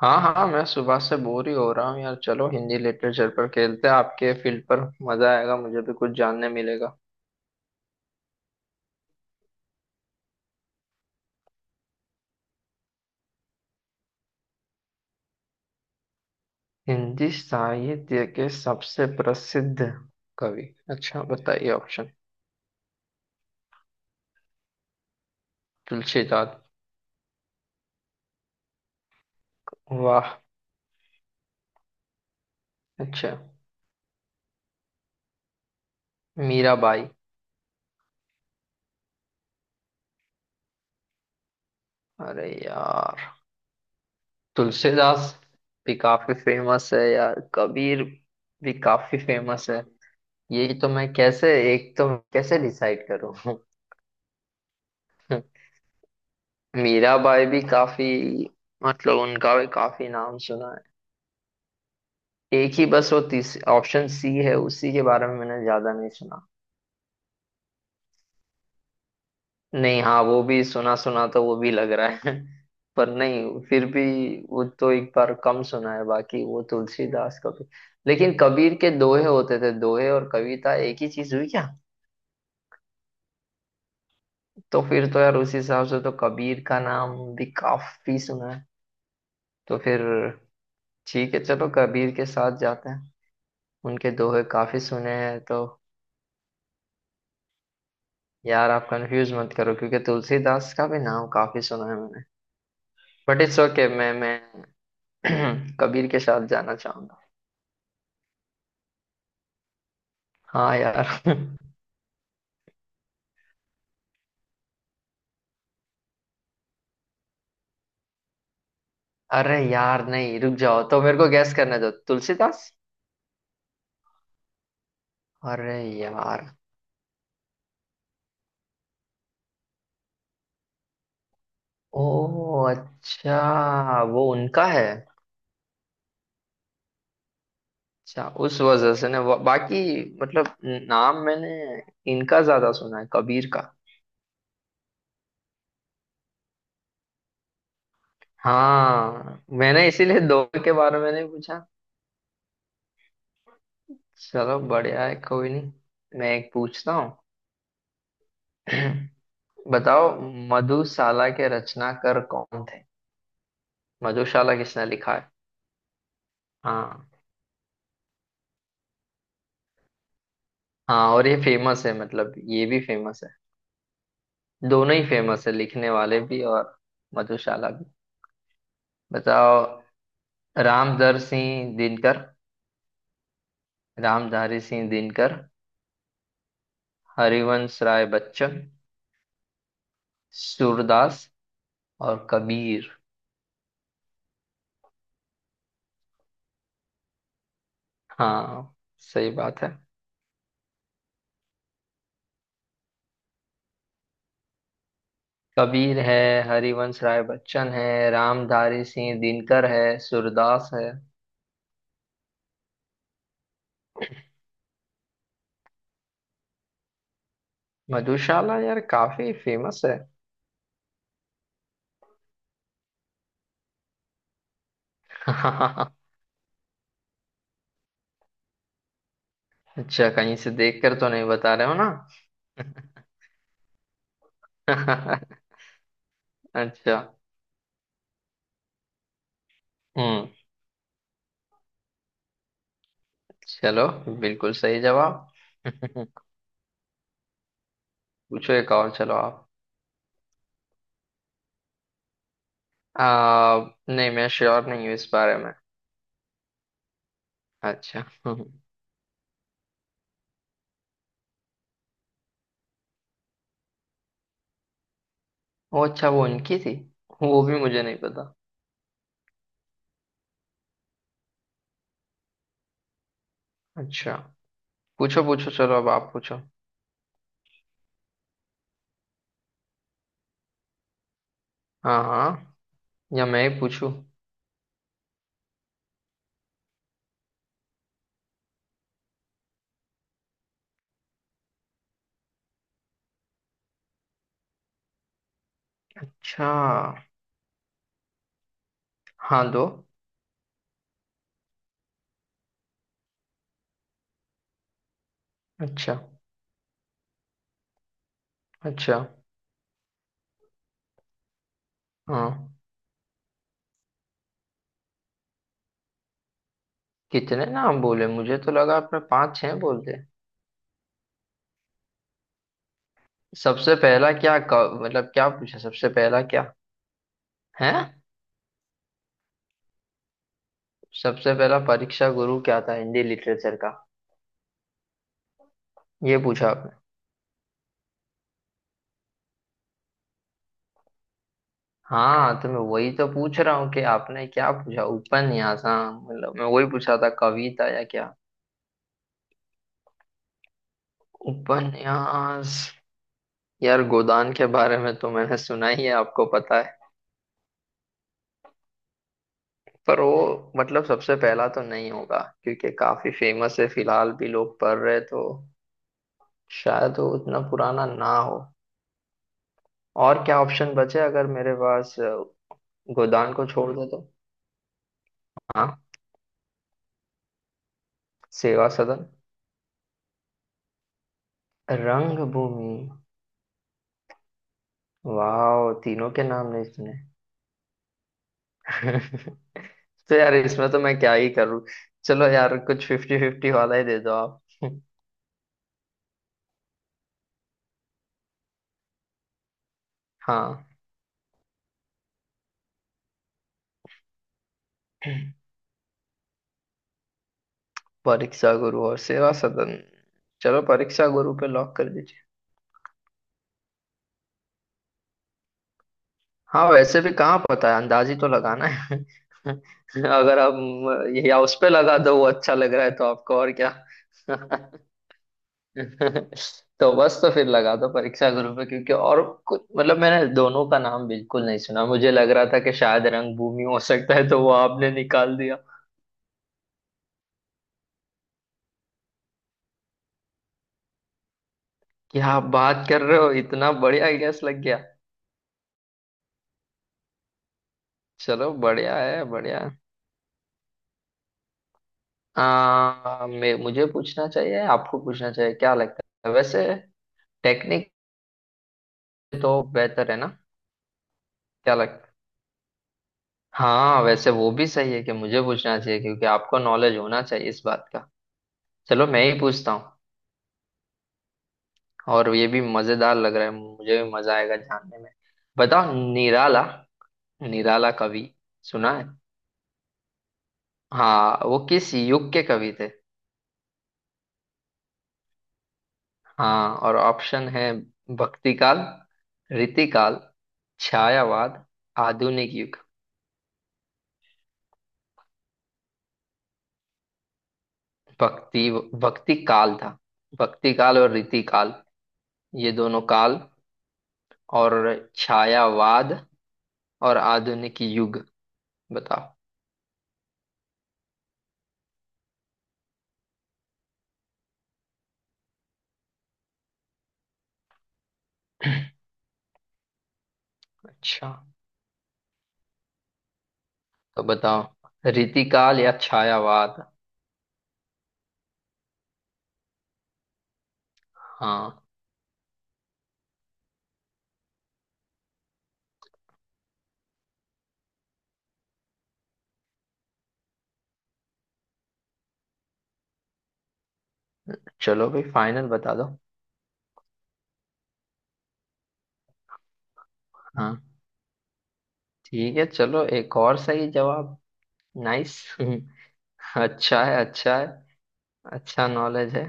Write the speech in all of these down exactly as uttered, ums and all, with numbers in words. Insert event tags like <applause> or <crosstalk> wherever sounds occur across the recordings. हाँ हाँ, मैं सुबह से बोर ही हो रहा हूँ यार। चलो हिंदी लिटरेचर पर खेलते हैं, आपके फील्ड पर। मजा आएगा, मुझे भी कुछ जानने मिलेगा। हिंदी साहित्य के सबसे प्रसिद्ध कवि। अच्छा बताइए ऑप्शन। तुलसीदास। वाह। अच्छा। मीराबाई। अरे यार, तुलसीदास भी काफी फेमस है यार, कबीर भी काफी फेमस है। यही तो, मैं कैसे, एक तो कैसे डिसाइड करूँ। <laughs> मीराबाई भी काफी, मतलब उनका भी काफी नाम सुना है। एक ही बस वो तीस ऑप्शन सी है, उसी के बारे में मैंने ज्यादा नहीं सुना। नहीं, हाँ वो भी सुना सुना तो वो भी लग रहा है। <laughs> पर नहीं, फिर भी वो तो एक बार कम सुना है। बाकी वो तुलसीदास का भी। लेकिन कबीर के दोहे होते थे, दोहे और कविता एक ही चीज हुई क्या। तो फिर तो यार, उस हिसाब से तो कबीर का नाम भी काफी सुना है। तो फिर ठीक है, चलो कबीर के साथ जाते हैं। उनके दोहे काफी सुने हैं तो। यार आप कंफ्यूज मत करो, क्योंकि तुलसीदास का भी नाम काफी सुना है मैंने। But it's okay. मैं मैं <clears throat> कबीर के साथ जाना चाहूंगा। हाँ यार। <laughs> अरे यार नहीं, रुक जाओ, तो मेरे को गैस करने दो। तुलसीदास। अरे यार। ओ। अच्छा, वो उनका है। अच्छा, उस वजह से ना वो- बाकी, मतलब नाम मैंने इनका ज्यादा सुना है, कबीर का। हाँ मैंने इसीलिए दो के बारे में नहीं पूछा। चलो बढ़िया है, कोई नहीं। मैं एक पूछता हूँ। <clears throat> बताओ, मधुशाला के रचनाकार कौन थे। मधुशाला किसने लिखा है। हाँ। हाँ और ये फेमस है, मतलब ये भी फेमस है। दोनों ही फेमस है, लिखने वाले भी और मधुशाला भी। बताओ। रामधारी सिंह दिनकर। रामधारी सिंह दिनकर। हरिवंश राय बच्चन। सूरदास और कबीर। हाँ सही बात है। कबीर है, हरिवंश राय बच्चन है, रामधारी सिंह दिनकर है, सूरदास है। मधुशाला यार काफी फेमस है। <laughs> अच्छा, कहीं से देखकर तो नहीं बता रहे हो ना। <laughs> अच्छा। हम्म। चलो, बिल्कुल सही जवाब। <laughs> पूछो। एक और, चलो आप। आ, नहीं मैं श्योर नहीं हूँ इस बारे में। अच्छा। <laughs> वो अच्छा, वो उनकी थी। वो भी मुझे नहीं पता। अच्छा। पूछो पूछो, चलो अब आप पूछो। हाँ हाँ। या मैं ही पूछूं। अच्छा। हाँ दो। अच्छा। अच्छा। हाँ। कितने नाम बोले, मुझे तो लगा आपने पांच छह बोल दिए। सबसे पहला क्या क- मतलब क्या पूछा, सबसे पहला क्या है। सबसे पहला परीक्षा गुरु क्या था हिंदी लिटरेचर का। ये पूछा आपने। हाँ तो मैं वही तो पूछ रहा हूँ कि आपने क्या पूछा, उपन्यास, हाँ मतलब मैं वही पूछा था, कविता या क्या। उपन्यास। यार गोदान के बारे में तो मैंने सुना ही है, आपको पता है। पर वो मतलब सबसे पहला तो नहीं होगा, क्योंकि काफी फेमस है, फिलहाल भी लोग पढ़ रहे, तो शायद वो उतना पुराना ना हो। और क्या ऑप्शन बचे अगर मेरे पास, अ, गोदान को छोड़ दे तो। हाँ। सेवा सदन। रंगभूमि। वाह, तीनों के नाम नहीं सुने। <laughs> तो यार इसमें तो मैं क्या ही करूँ। चलो यार, कुछ फिफ्टी फिफ्टी वाला ही दे दो आप। हाँ। परीक्षा गुरु और सेवा सदन। चलो परीक्षा गुरु पे लॉक कर दीजिए। हाँ वैसे भी कहाँ पता है, अंदाज ही तो लगाना है। <laughs> अगर आप म, या उस पे लगा दो, वो अच्छा लग रहा है तो आपको और क्या। <laughs> तो बस, तो फिर लगा दो परीक्षा गुरु पे, क्योंकि और कुछ मतलब मैंने दोनों का नाम बिल्कुल नहीं सुना। मुझे लग रहा था कि शायद रंगभूमि हो सकता है, तो वो आपने निकाल दिया। क्या आप बात कर रहे हो, इतना बढ़िया गैस लग गया। चलो बढ़िया है, बढ़िया है। आ, मैं, मुझे पूछना चाहिए, आपको पूछना चाहिए, क्या लगता है वैसे। टेक्निक, तो बेहतर है ना। क्या लग, हाँ वैसे वो भी सही है कि मुझे पूछना चाहिए, क्योंकि आपको नॉलेज होना चाहिए इस बात का। चलो मैं ही पूछता हूँ। और ये भी मजेदार लग रहा है, मुझे भी मजा आएगा जानने में। बताओ, निराला। निराला कवि सुना है। हाँ, वो किस युग के कवि थे। हाँ, और ऑप्शन है भक्ति काल, रीति काल, छायावाद, आधुनिक युग। भक्ति, भक्ति काल था। भक्ति काल और रीति काल, ये दोनों काल, और छायावाद, और आधुनिक युग। बताओ। <laughs> <clears throat> अच्छा तो बताओ, रीतिकाल या छायावाद। हाँ, चलो भाई फाइनल बता दो। हाँ ठीक है, चलो एक और सही जवाब। नाइस। <laughs> अच्छा है, अच्छा है। अच्छा नॉलेज है।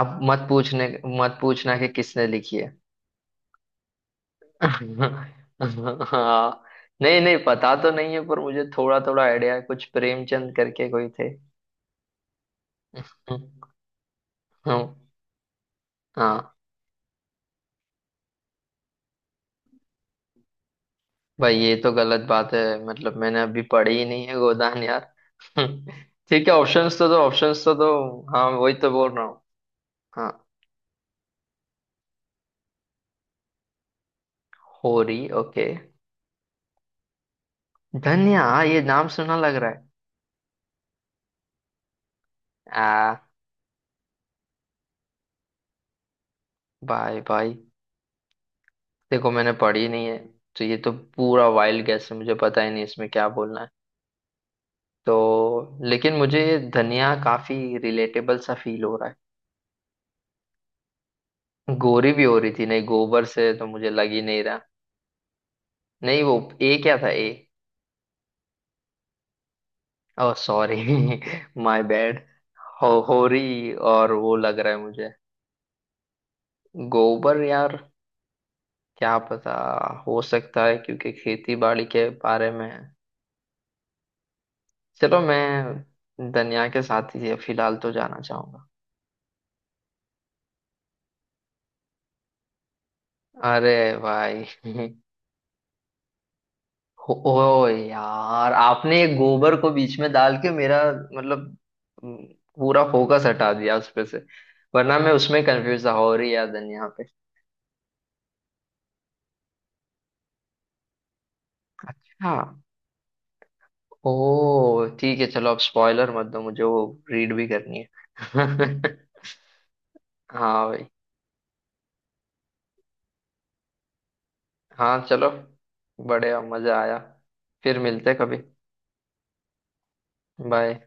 अब मत पूछने, मत पूछना कि किसने लिखी है। <laughs> हाँ। नहीं नहीं, पता तो नहीं है, पर मुझे थोड़ा थोड़ा आइडिया है, कुछ प्रेमचंद करके कोई थे। <laughs> हाँ भाई, ये तो गलत बात है, मतलब मैंने अभी पढ़ी ही नहीं है गोदान यार। <laughs> ठीक है, ऑप्शंस तो दो, ऑप्शंस तो दो। हाँ वही तो बोल रहा हूँ। हाँ। होरी, ओके। धन्या हाँ, ये नाम सुना लग रहा है। आ। भाई भाई, देखो मैंने पढ़ी नहीं है, तो ये तो पूरा वाइल्ड गैस है, मुझे पता ही नहीं इसमें क्या बोलना है। तो लेकिन मुझे ये धनिया काफी रिलेटेबल सा फील हो रहा है। गोरी भी हो रही थी, नहीं गोबर से तो मुझे लग ही नहीं रहा। नहीं वो, ए क्या था, ए। Oh sorry, my bad. <laughs> हो होरी और वो लग रहा है मुझे। गोबर यार, क्या पता, हो सकता है क्योंकि खेती बाड़ी के बारे में है। चलो मैं दुनिया के साथ ही फिलहाल तो जाना चाहूंगा। अरे भाई। <laughs> हो, ओ यार, आपने एक गोबर को बीच में डाल के मेरा मतलब, म, पूरा फोकस हटा दिया उस पे से। वरना मैं उसमें कंफ्यूज था, होरी या दुनिया पे। हाँ। ओह ठीक है, चलो अब स्पॉइलर मत दो मुझे, वो रीड भी करनी है। <laughs> हाँ भाई। हाँ चलो, बढ़िया मजा आया, फिर मिलते हैं कभी। बाय।